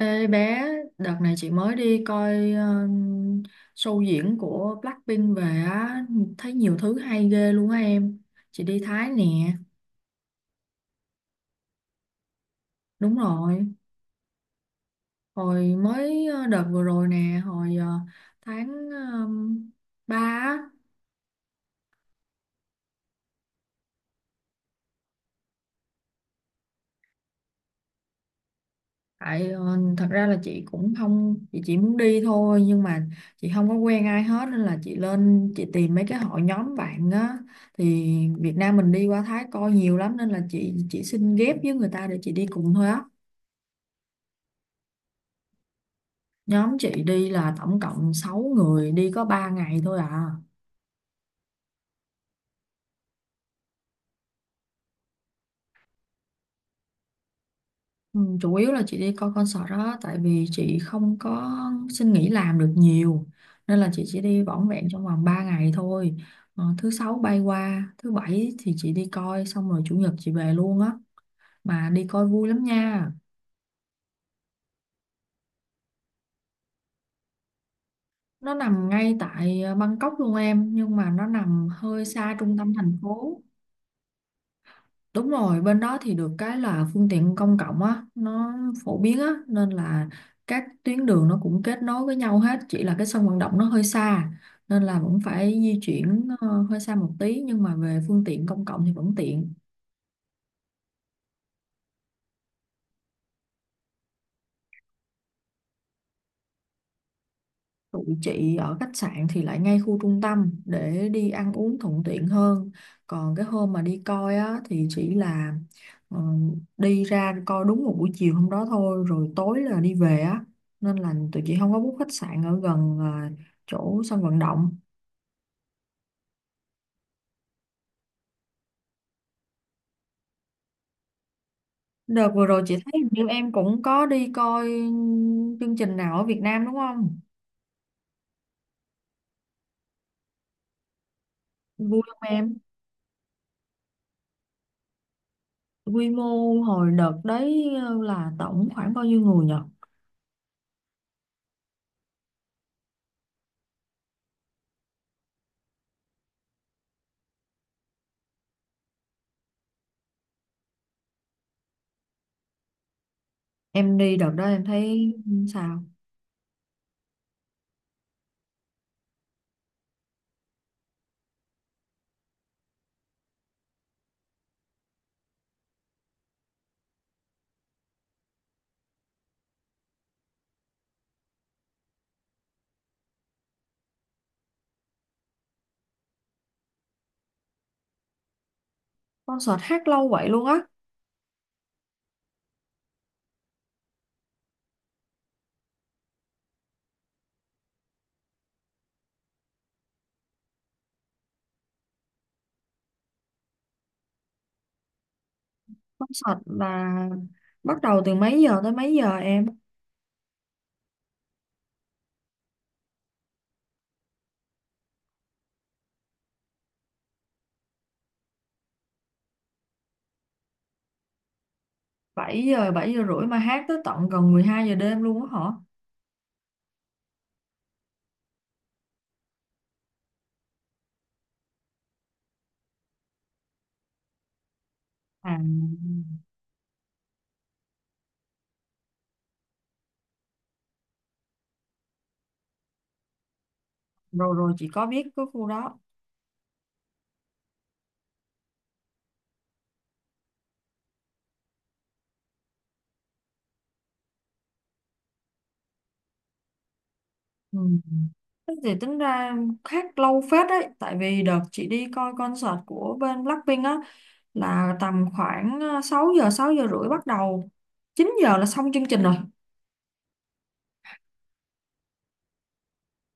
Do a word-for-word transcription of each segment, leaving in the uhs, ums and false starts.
Ê bé, đợt này chị mới đi coi ờ, show diễn của Blackpink về á, thấy nhiều thứ hay ghê luôn á em. Chị đi Thái nè, đúng rồi. Hồi mới ờ, đợt vừa rồi nè, hồi ờ, tháng uh, ba. Tại ờ, thật ra là chị cũng không, chị chỉ muốn đi thôi, nhưng mà chị không có quen ai hết nên là chị lên chị tìm mấy cái hội nhóm bạn á, thì Việt Nam mình đi qua Thái coi nhiều lắm nên là chị chỉ xin ghép với người ta để chị đi cùng thôi á. Nhóm chị đi là tổng cộng sáu người, đi có ba ngày thôi à. Ừ, chủ yếu là chị đi coi concert đó, tại vì chị không có xin nghỉ làm được nhiều nên là chị chỉ đi vỏn vẹn trong vòng ba ngày thôi. Ờ, thứ sáu bay qua thứ bảy thì chị đi coi xong, rồi chủ nhật chị về luôn á. Mà đi coi vui lắm nha. Nó nằm ngay tại ờ, Bangkok luôn em, nhưng mà nó nằm hơi xa trung tâm thành phố. Đúng rồi, bên đó thì được cái là phương tiện công cộng á, nó phổ biến á, nên là các tuyến đường nó cũng kết nối với nhau hết, chỉ là cái sân vận động nó hơi xa, nên là vẫn phải di chuyển ờ, hơi xa một tí, nhưng mà về phương tiện công cộng thì vẫn tiện. Tụi chị ở khách sạn thì lại ngay khu trung tâm để đi ăn uống thuận tiện hơn. Còn cái hôm mà đi coi á thì chỉ là ờ, đi ra coi đúng một buổi chiều hôm đó thôi, rồi tối là đi về á. Nên là tụi chị không có book khách sạn ở gần ờ, chỗ sân vận động. Đợt vừa rồi chị thấy hình như em cũng có đi coi chương trình nào ở Việt Nam đúng không? Vui không em? Quy mô hồi đợt đấy là tổng khoảng bao nhiêu người nhỉ? Em đi đợt đó em thấy sao? Concert hát lâu vậy luôn á. Concert là bắt đầu từ mấy giờ tới mấy giờ em? Bảy giờ, bảy giờ rưỡi mà hát tới tận gần mười hai giờ đêm luôn á hả? À, rồi rồi chị có biết cái khu đó. Ừ. Thế thì tính ra hát lâu phết đấy. Tại vì đợt chị đi coi concert của bên Blackpink á là tầm khoảng ờ, sáu giờ, sáu giờ rưỡi bắt đầu. Chín giờ là xong chương trình rồi.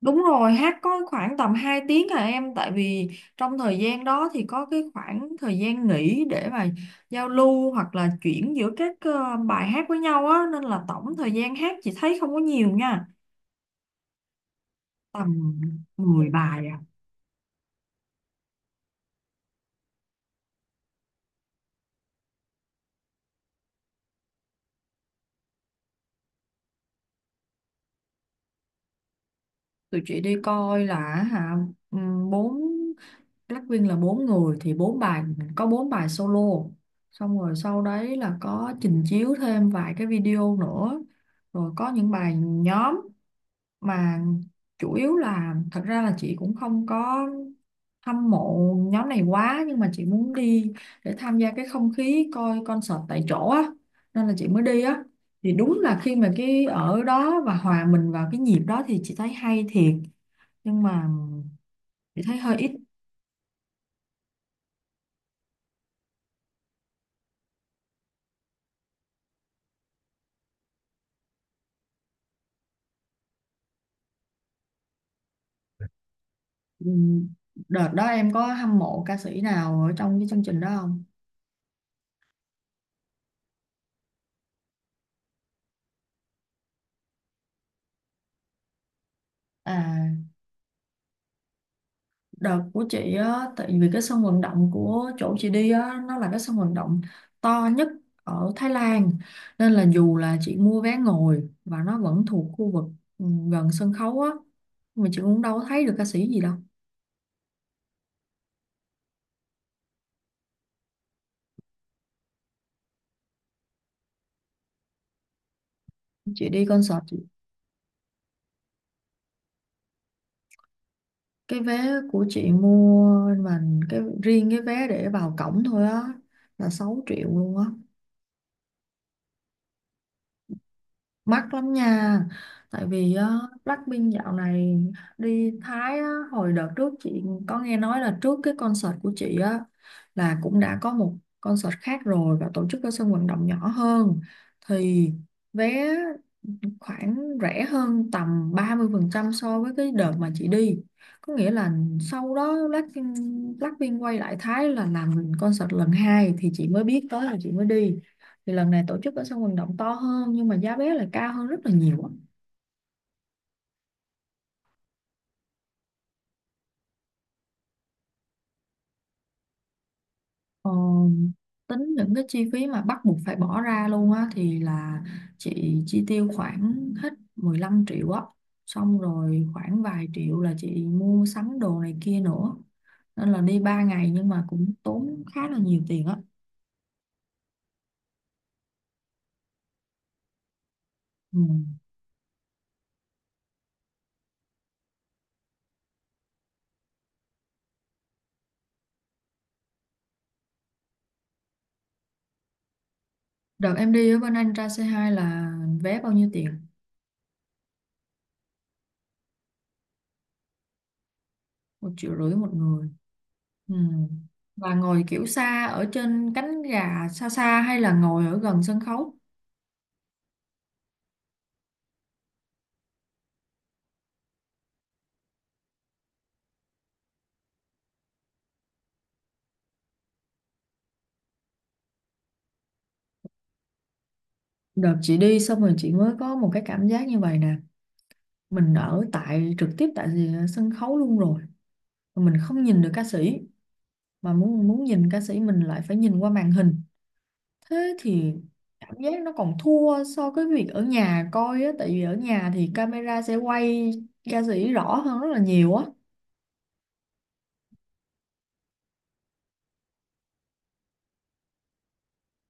Đúng rồi, hát có khoảng tầm hai tiếng à em, tại vì trong thời gian đó thì có cái khoảng thời gian nghỉ để mà giao lưu hoặc là chuyển giữa các ờ, bài hát với nhau á, nên là tổng thời gian hát chị thấy không có nhiều nha, tầm mười bài à. Tụi chị đi coi là, hả, ừm, bốn, Blackpink là bốn người thì bốn bài, có bốn bài solo. Xong rồi sau đấy là có trình chiếu thêm vài cái video nữa. Rồi có những bài nhóm, mà chủ yếu là thật ra là chị cũng không có hâm mộ nhóm này quá, nhưng mà chị muốn đi để tham gia cái không khí coi concert tại chỗ á, nên là chị mới đi á. Thì đúng là khi mà cái ở đó và hòa mình vào cái nhịp đó thì chị thấy hay thiệt, nhưng mà chị thấy hơi ít. Ừm, đợt đó em có hâm mộ ca sĩ nào ở trong cái chương trình đó không? À. Đợt của chị á, tại vì cái sân vận động của chỗ chị đi á, nó là cái sân vận động to nhất ở Thái Lan. Nên là dù là chị mua vé ngồi và nó vẫn thuộc khu vực ừ, gần sân khấu á, mà chị cũng đâu có thấy được ca sĩ gì đâu. Chị đi concert, chị- cái vé của chị mua, mà cái riêng cái vé để vào cổng thôi á, là sáu triệu luôn á. Mắc lắm nha. Tại vì á, Blackpink dạo này đi Thái á, hồi đợt trước chị có nghe nói là trước cái concert của chị á là cũng đã có một concert khác rồi và tổ chức ở sân vận động nhỏ hơn, thì vé khoảng rẻ hơn tầm ba mươi phần trăm so với cái đợt mà chị đi. Có nghĩa là sau đó Blackpink, Blackpink quay lại Thái là làm concert lần hai thì chị mới biết tới là chị mới đi. Thì lần này tổ chức ở sân vận động to hơn nhưng mà giá vé lại cao hơn rất là nhiều á. Ờ, tính những cái chi phí mà bắt buộc phải bỏ ra luôn á thì là chị chi tiêu khoảng hết mười lăm triệu á, xong rồi khoảng vài triệu là chị mua sắm đồ này kia nữa, nên là đi ba ngày nhưng mà cũng tốn khá là nhiều tiền á. Ừ. Đợt em đi ở bên Anh ra xê hai là vé bao nhiêu tiền? Một triệu rưỡi một người. Ừ. Và ngồi kiểu xa ở trên cánh gà xa xa hay là ngồi ở gần sân khấu? Đợt chị đi xong rồi chị mới có một cái cảm giác như vậy nè, mình ở tại trực tiếp tại ờ, sân khấu luôn rồi mà mình không nhìn được ca sĩ, mà muốn muốn nhìn ca sĩ mình lại phải nhìn qua màn hình. Thế thì cảm giác nó còn thua so với việc ở nhà coi á, tại vì ở nhà thì camera sẽ quay ca sĩ rõ hơn rất là nhiều á.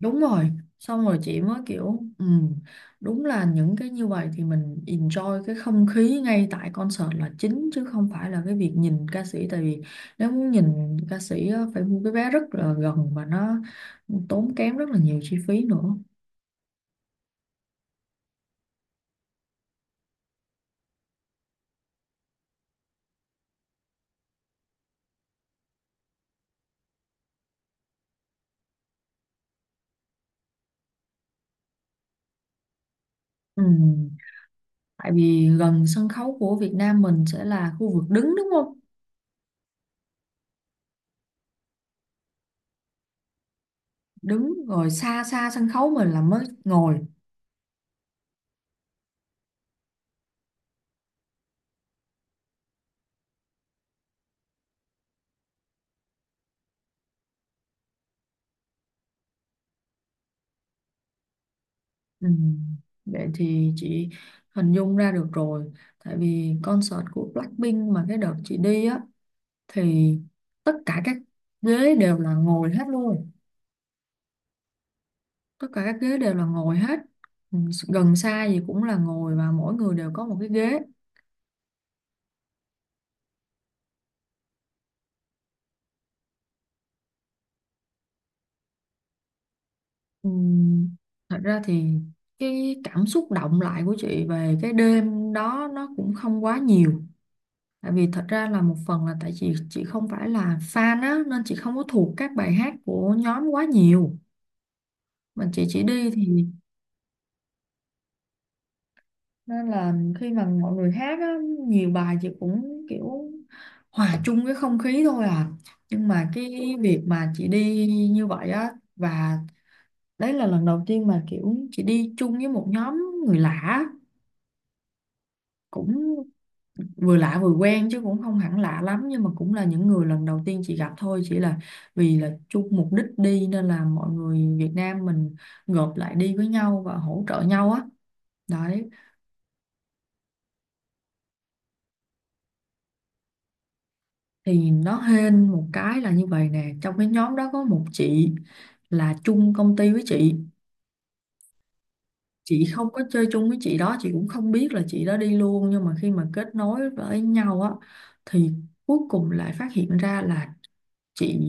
Đúng rồi, xong rồi chị mới kiểu ừ, đúng là những cái như vậy thì mình enjoy cái không khí ngay tại concert là chính, chứ không phải là cái việc nhìn ca sĩ, tại vì nếu muốn nhìn ca sĩ á, phải mua cái vé rất là gần và nó tốn kém rất là nhiều chi phí nữa. Ừ, tại vì gần sân khấu của Việt Nam mình sẽ là khu vực đứng đúng không? Đứng, rồi xa xa sân khấu mình là mới ngồi. Ừ. Vậy thì chị hình dung ra được rồi. Tại vì concert của Blackpink mà cái đợt chị đi á, thì tất cả các ghế đều là ngồi hết luôn. Tất cả các ghế đều là ngồi hết. Ừ, gần xa gì cũng là ngồi và mỗi người đều có một cái ghế. Ừ. Thật ra thì cái cảm xúc động lại của chị về cái đêm đó nó cũng không quá nhiều. Tại vì thật ra là một phần là tại chị chị không phải là fan á, nên chị không có thuộc các bài hát của nhóm quá nhiều, mà chị chỉ đi thì, nên là khi mà mọi người hát á, nhiều bài chị cũng kiểu hòa chung cái không khí thôi à. Nhưng mà cái việc mà chị đi như vậy á, và đấy là lần đầu tiên mà kiểu chị đi chung với một nhóm người lạ, cũng vừa lạ vừa quen chứ cũng không hẳn lạ lắm, nhưng mà cũng là những người lần đầu tiên chị gặp thôi, chỉ là vì là chung mục đích đi nên là mọi người Việt Nam mình gộp lại đi với nhau và hỗ trợ nhau á, đấy. Thì nó hên một cái là như vậy nè, trong cái nhóm đó có một chị là chung công ty với chị. Chị không có chơi chung với chị đó, chị cũng không biết là chị đó đi luôn, nhưng mà khi mà kết nối với nhau á, thì cuối cùng lại phát hiện ra là chị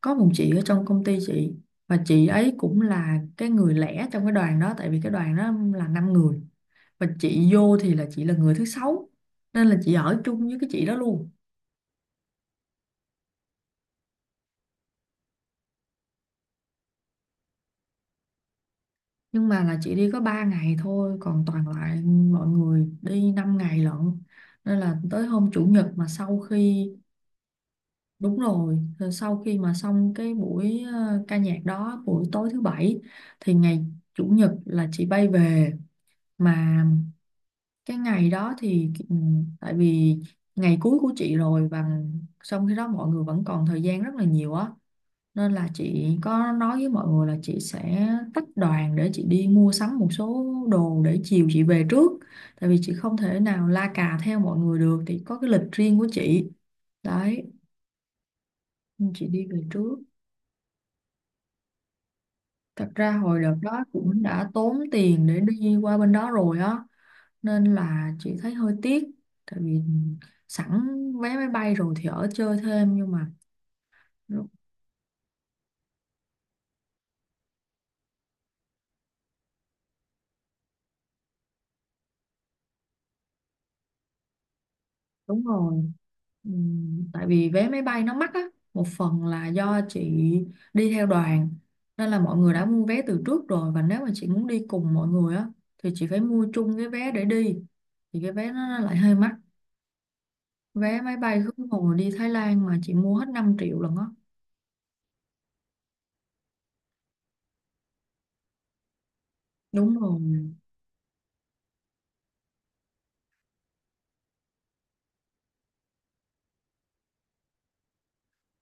có một chị ở trong công ty chị, và chị ấy cũng là cái người lẻ trong cái đoàn đó. Tại vì cái đoàn đó là năm người, và chị vô thì là chị là người thứ sáu, nên là chị ở chung với cái chị đó luôn. Nhưng mà là chị đi có ba ngày thôi, còn toàn lại mọi người đi năm ngày lận, nên là tới hôm chủ nhật mà sau khi. Đúng rồi, rồi sau khi mà xong cái buổi ờ, ca nhạc đó, buổi tối thứ bảy, thì ngày chủ nhật là chị bay về. Mà cái ngày đó thì ừ, tại vì ngày cuối của chị rồi, và xong khi đó mọi người vẫn còn thời gian rất là nhiều á, nên là chị có nói với mọi người là chị sẽ tách đoàn để chị đi mua sắm một số đồ, để chiều chị về trước. Tại vì chị không thể nào la cà theo mọi người được, thì có cái lịch riêng của chị, đấy, nên chị đi về trước. Thật ra hồi đợt đó cũng đã tốn tiền để đi qua bên đó rồi á, nên là chị thấy hơi tiếc. Tại vì sẵn vé máy bay rồi thì ở chơi thêm, nhưng mà đúng rồi. Ừm, tại vì vé máy bay nó mắc á, một phần là do chị đi theo đoàn, nên là mọi người đã mua vé từ trước rồi, và nếu mà chị muốn đi cùng mọi người á, thì chị phải mua chung cái vé để đi, thì cái vé nó nó lại hơi mắc. Vé máy bay khứ hồi đi Thái Lan mà chị mua hết năm triệu lần á. Đúng rồi.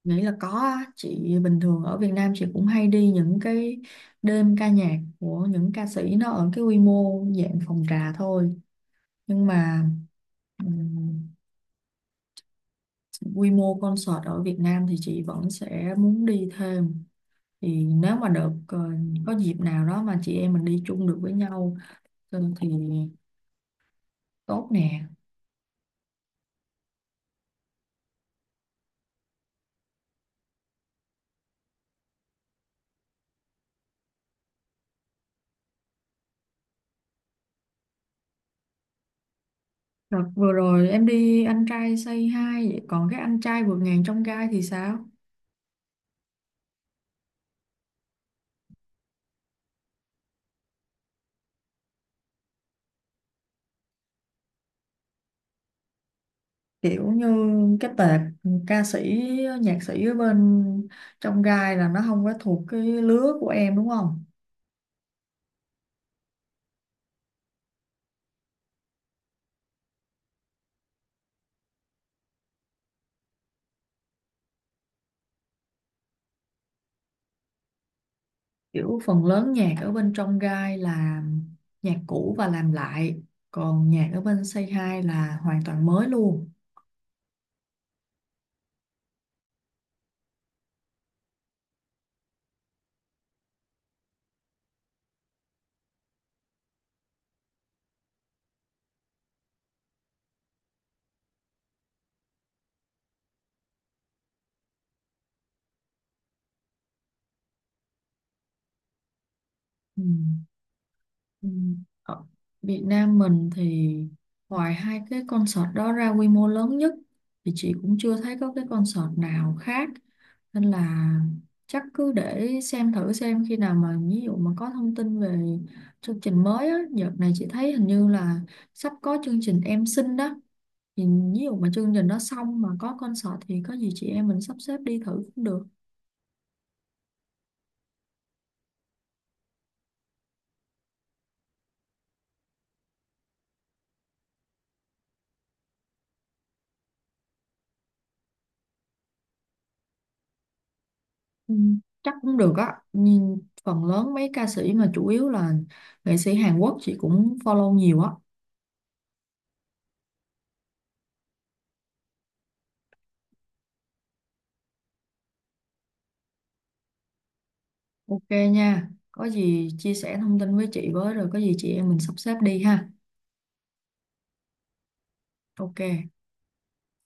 Nghĩ là có á. Chị bình thường ở Việt Nam chị cũng hay đi những cái đêm ca nhạc của những ca sĩ, nó ở cái quy mô dạng phòng trà thôi, nhưng mà quy mô concert ở Việt Nam thì chị vẫn sẽ muốn đi thêm. Thì nếu mà được ờ, có dịp nào đó mà chị em mình đi chung được với nhau, ờ, thì tốt nè. Đợt vừa rồi em đi Anh Trai Say Hi vậy, còn cái Anh Trai Vượt Ngàn Trong Gai thì sao? Kiểu như cái tệp ca sĩ nhạc sĩ ở bên Trong Gai là nó không có thuộc cái lứa của em đúng không? Kiểu phần lớn nhạc ở bên Trong Gai là nhạc cũ và làm lại, còn nhạc ở bên Say Hi là hoàn toàn mới luôn. Ừ. Ừ. Ở Việt Nam mình thì ngoài hai cái concert đó ra quy mô lớn nhất thì chị cũng chưa thấy có cái concert nào khác, nên là chắc cứ để xem thử xem khi nào mà ví dụ mà có thông tin về chương trình mới á. Đợt này chị thấy hình như là sắp có chương trình Em Xinh đó, thì ví dụ mà chương trình nó xong mà có concert thì có gì chị em mình sắp xếp đi thử cũng được. Ừ, chắc cũng được á. Nhìn phần lớn mấy ca sĩ mà chủ yếu là nghệ sĩ Hàn Quốc chị cũng follow nhiều á. Ok nha, có gì chia sẻ thông tin với chị với, rồi có gì chị em mình sắp xếp đi ha. Ok.